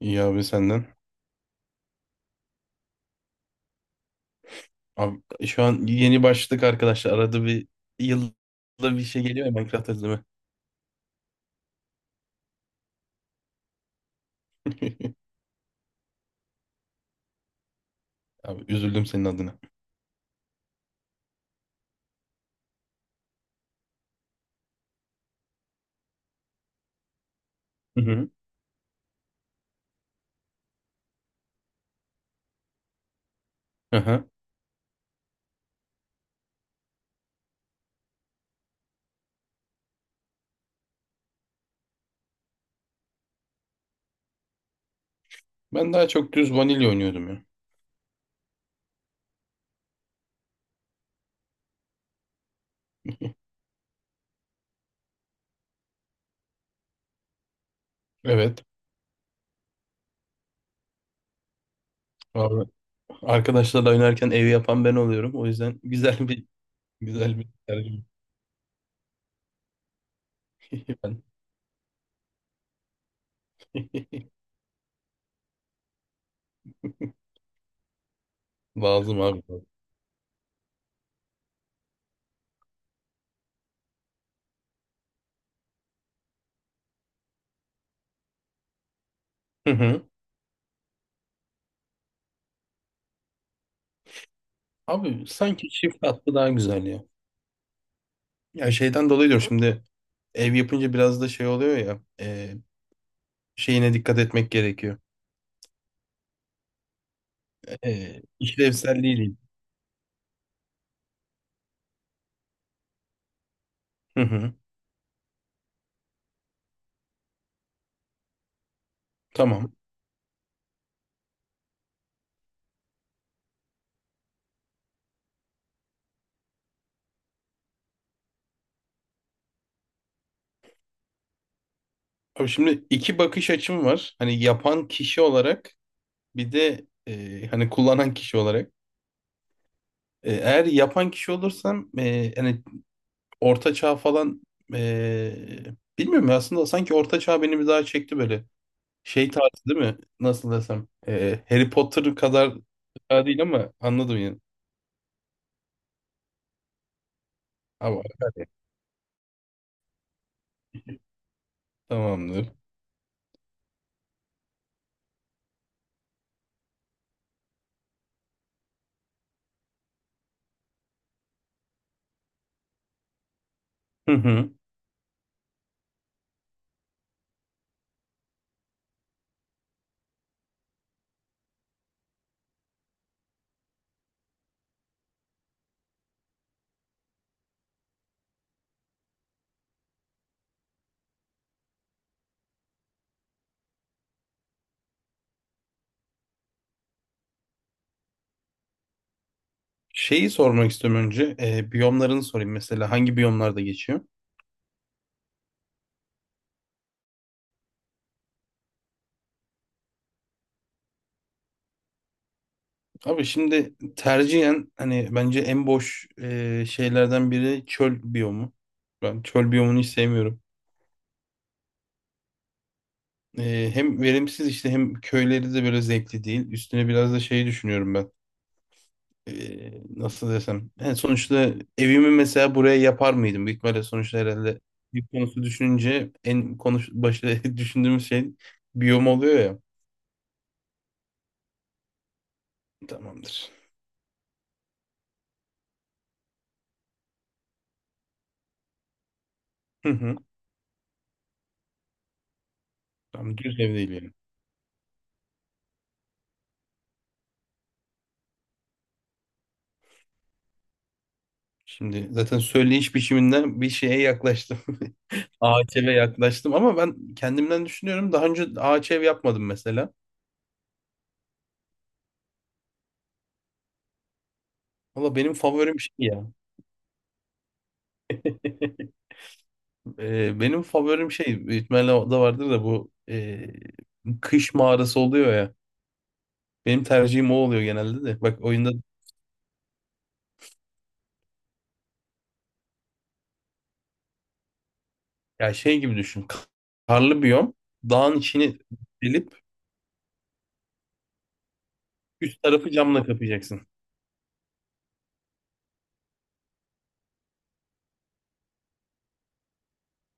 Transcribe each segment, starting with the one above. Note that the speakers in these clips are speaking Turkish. İyi abi senden. Abi, şu an yeni başladık arkadaşlar. Arada bir yılda bir şey geliyor ya Minecraft özleme. Abi üzüldüm senin adına. Hı hı. Aha. Ben daha çok düz vanilya oynuyordum ya. Evet. Abi, arkadaşlarla oynarken evi yapan ben oluyorum. O yüzden güzel bir tercih. Ben. Lazım abi. Hı hı. Abi sanki çift katlı daha güzel ya. Ya şeyden dolayı diyorum şimdi ev yapınca biraz da şey oluyor ya. Şeyine dikkat etmek gerekiyor. İşlevselliği Hı hı. Tamam. Abi şimdi iki bakış açım var. Hani yapan kişi olarak bir de hani kullanan kişi olarak. Eğer yapan kişi olursam hani orta çağ falan, e, bilmiyorum ya aslında sanki orta çağ beni bir daha çekti böyle. Şey tarzı değil mi? Nasıl desem. Harry Potter kadar çağ değil ama anladım yani. Ama tamamdır. Hı hı. Şeyi sormak istiyorum önce. Biyomlarını sorayım mesela. Hangi biyomlarda geçiyor? Abi şimdi tercihen hani bence en boş şeylerden biri çöl biyomu. Ben çöl biyomunu hiç sevmiyorum. Hem verimsiz işte hem köyleri de böyle zevkli değil. Üstüne biraz da şeyi düşünüyorum ben. Nasıl desem. Yani sonuçta evimi mesela buraya yapar mıydım? Büyük ihtimalle sonuçta herhalde bir konusu düşününce en konuş başta düşündüğümüz şey biyom oluyor ya. Tamamdır. Hı hı. Tamam, düz ev değil yani. Şimdi zaten söyleyiş biçiminden bir şeye yaklaştım. Ağaç eve yaklaştım ama ben kendimden düşünüyorum. Daha önce ağaç ev yapmadım mesela. Valla benim favorim şey ya. Benim favorim şey büyük ihtimalle o da vardır da bu kış mağarası oluyor ya. Benim tercihim o oluyor genelde de. Bak oyunda ya şey gibi düşün. Karlı biyom. Dağın içini delip üst tarafı camla kapayacaksın.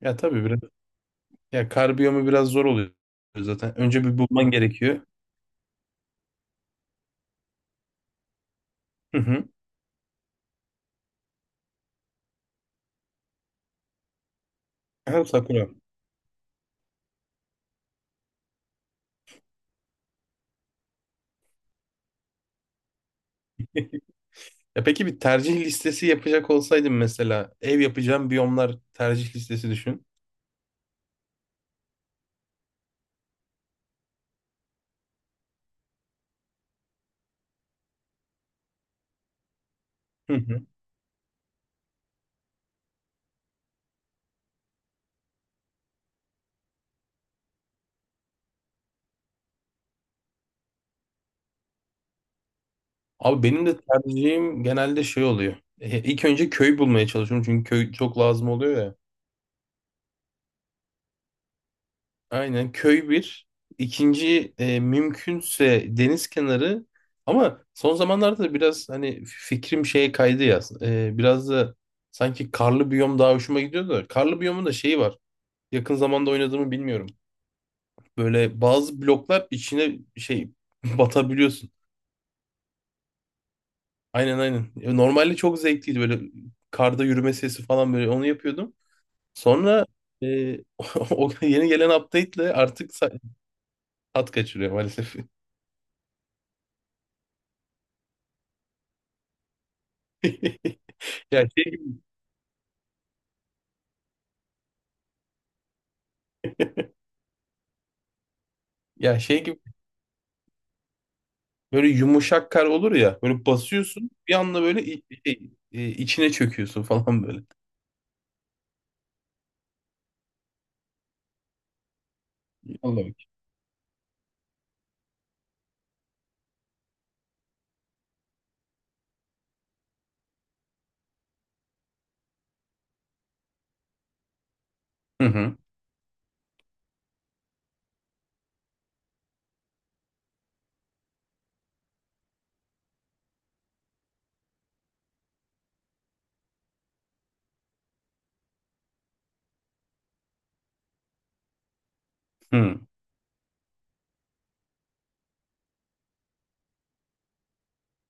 Ya tabii biraz ya kar biyomu biraz zor oluyor zaten. Önce bir bulman gerekiyor. Hı hı. Ha, Sakura. E peki bir tercih listesi yapacak olsaydım mesela ev yapacağım biyomlar tercih listesi düşün. Hı hı. Abi benim de tercihim genelde şey oluyor. İlk önce köy bulmaya çalışıyorum çünkü köy çok lazım oluyor ya. Aynen, köy bir. İkinci mümkünse deniz kenarı. Ama son zamanlarda da biraz hani fikrim şeye kaydı ya. Biraz da sanki karlı biyom daha hoşuma gidiyor da. Karlı biyomun da şeyi var. Yakın zamanda oynadığımı bilmiyorum. Böyle bazı bloklar içine şey batabiliyorsun. Aynen aynen. Normalde çok zevkliydi böyle karda yürüme sesi falan böyle onu yapıyordum. Sonra e, o yeni gelen update'le artık tat kaçırıyor maalesef. Ya şey gibi, ya şey gibi böyle yumuşak kar olur ya böyle basıyorsun bir anda böyle içine çöküyorsun falan böyle. Allah'ım. Hı hı. Hı.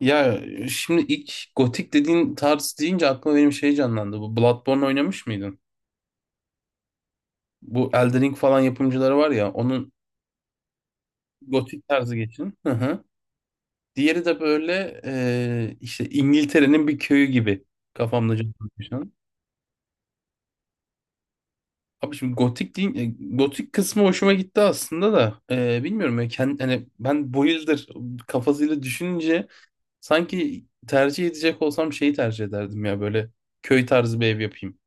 Ya şimdi ilk gotik dediğin tarz deyince aklıma benim şey canlandı. Bu Bloodborne oynamış mıydın? Bu Elden Ring falan yapımcıları var ya onun gotik tarzı geçin. Hı hı. Diğeri de böyle işte İngiltere'nin bir köyü gibi kafamda canlanmışan. Abi şimdi gotik değil, gotik kısmı hoşuma gitti aslında da bilmiyorum ya hani ben bu yıldır kafasıyla düşününce sanki tercih edecek olsam şeyi tercih ederdim ya böyle köy tarzı bir ev yapayım.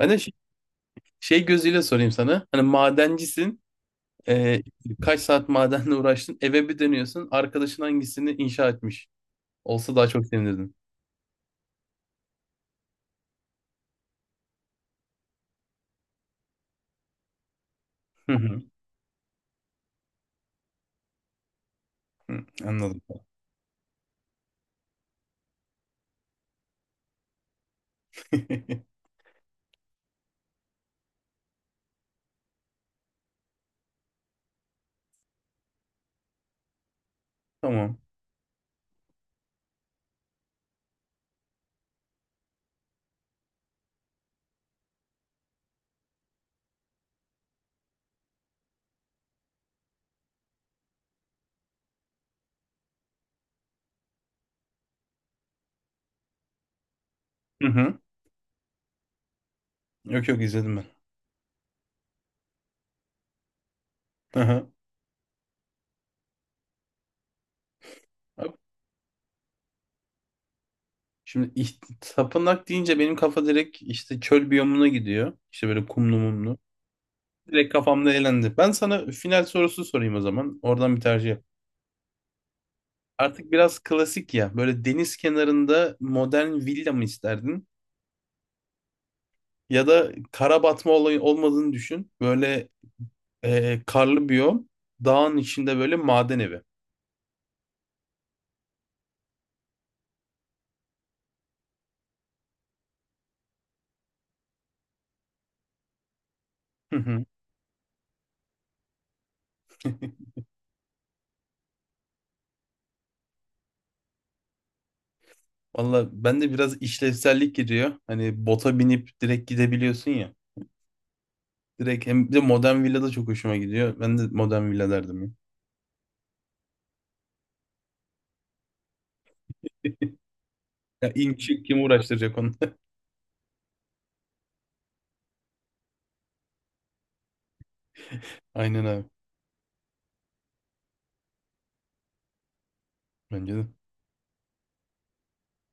Ben de şey, şey gözüyle sorayım sana hani madencisin. Ee, kaç saat madenle uğraştın? Eve bir dönüyorsun. Arkadaşın hangisini inşa etmiş? Olsa daha çok sevinirdin. Hı hı. Hı, anladım. Tamam. Hı hı. Yok yok, izledim ben. Hı hı. Hop. Şimdi tapınak deyince benim kafa direkt işte çöl biyomuna gidiyor. İşte böyle kumlu mumlu. Direkt kafamda elendi. Ben sana final sorusu sorayım o zaman. Oradan bir tercih yap. Artık biraz klasik ya. Böyle deniz kenarında modern villa mı isterdin? Ya da kara batma olayı olmadığını düşün. Böyle karlı biyom, dağın içinde böyle maden evi. Hı hı. Valla ben de biraz işlevsellik giriyor. Hani bota binip direkt gidebiliyorsun ya. Direkt hem bir de modern villa da çok hoşuma gidiyor. Ben de modern villa derdim ya. Ya in çık kim uğraştıracak onu? Aynen abi. Bence de.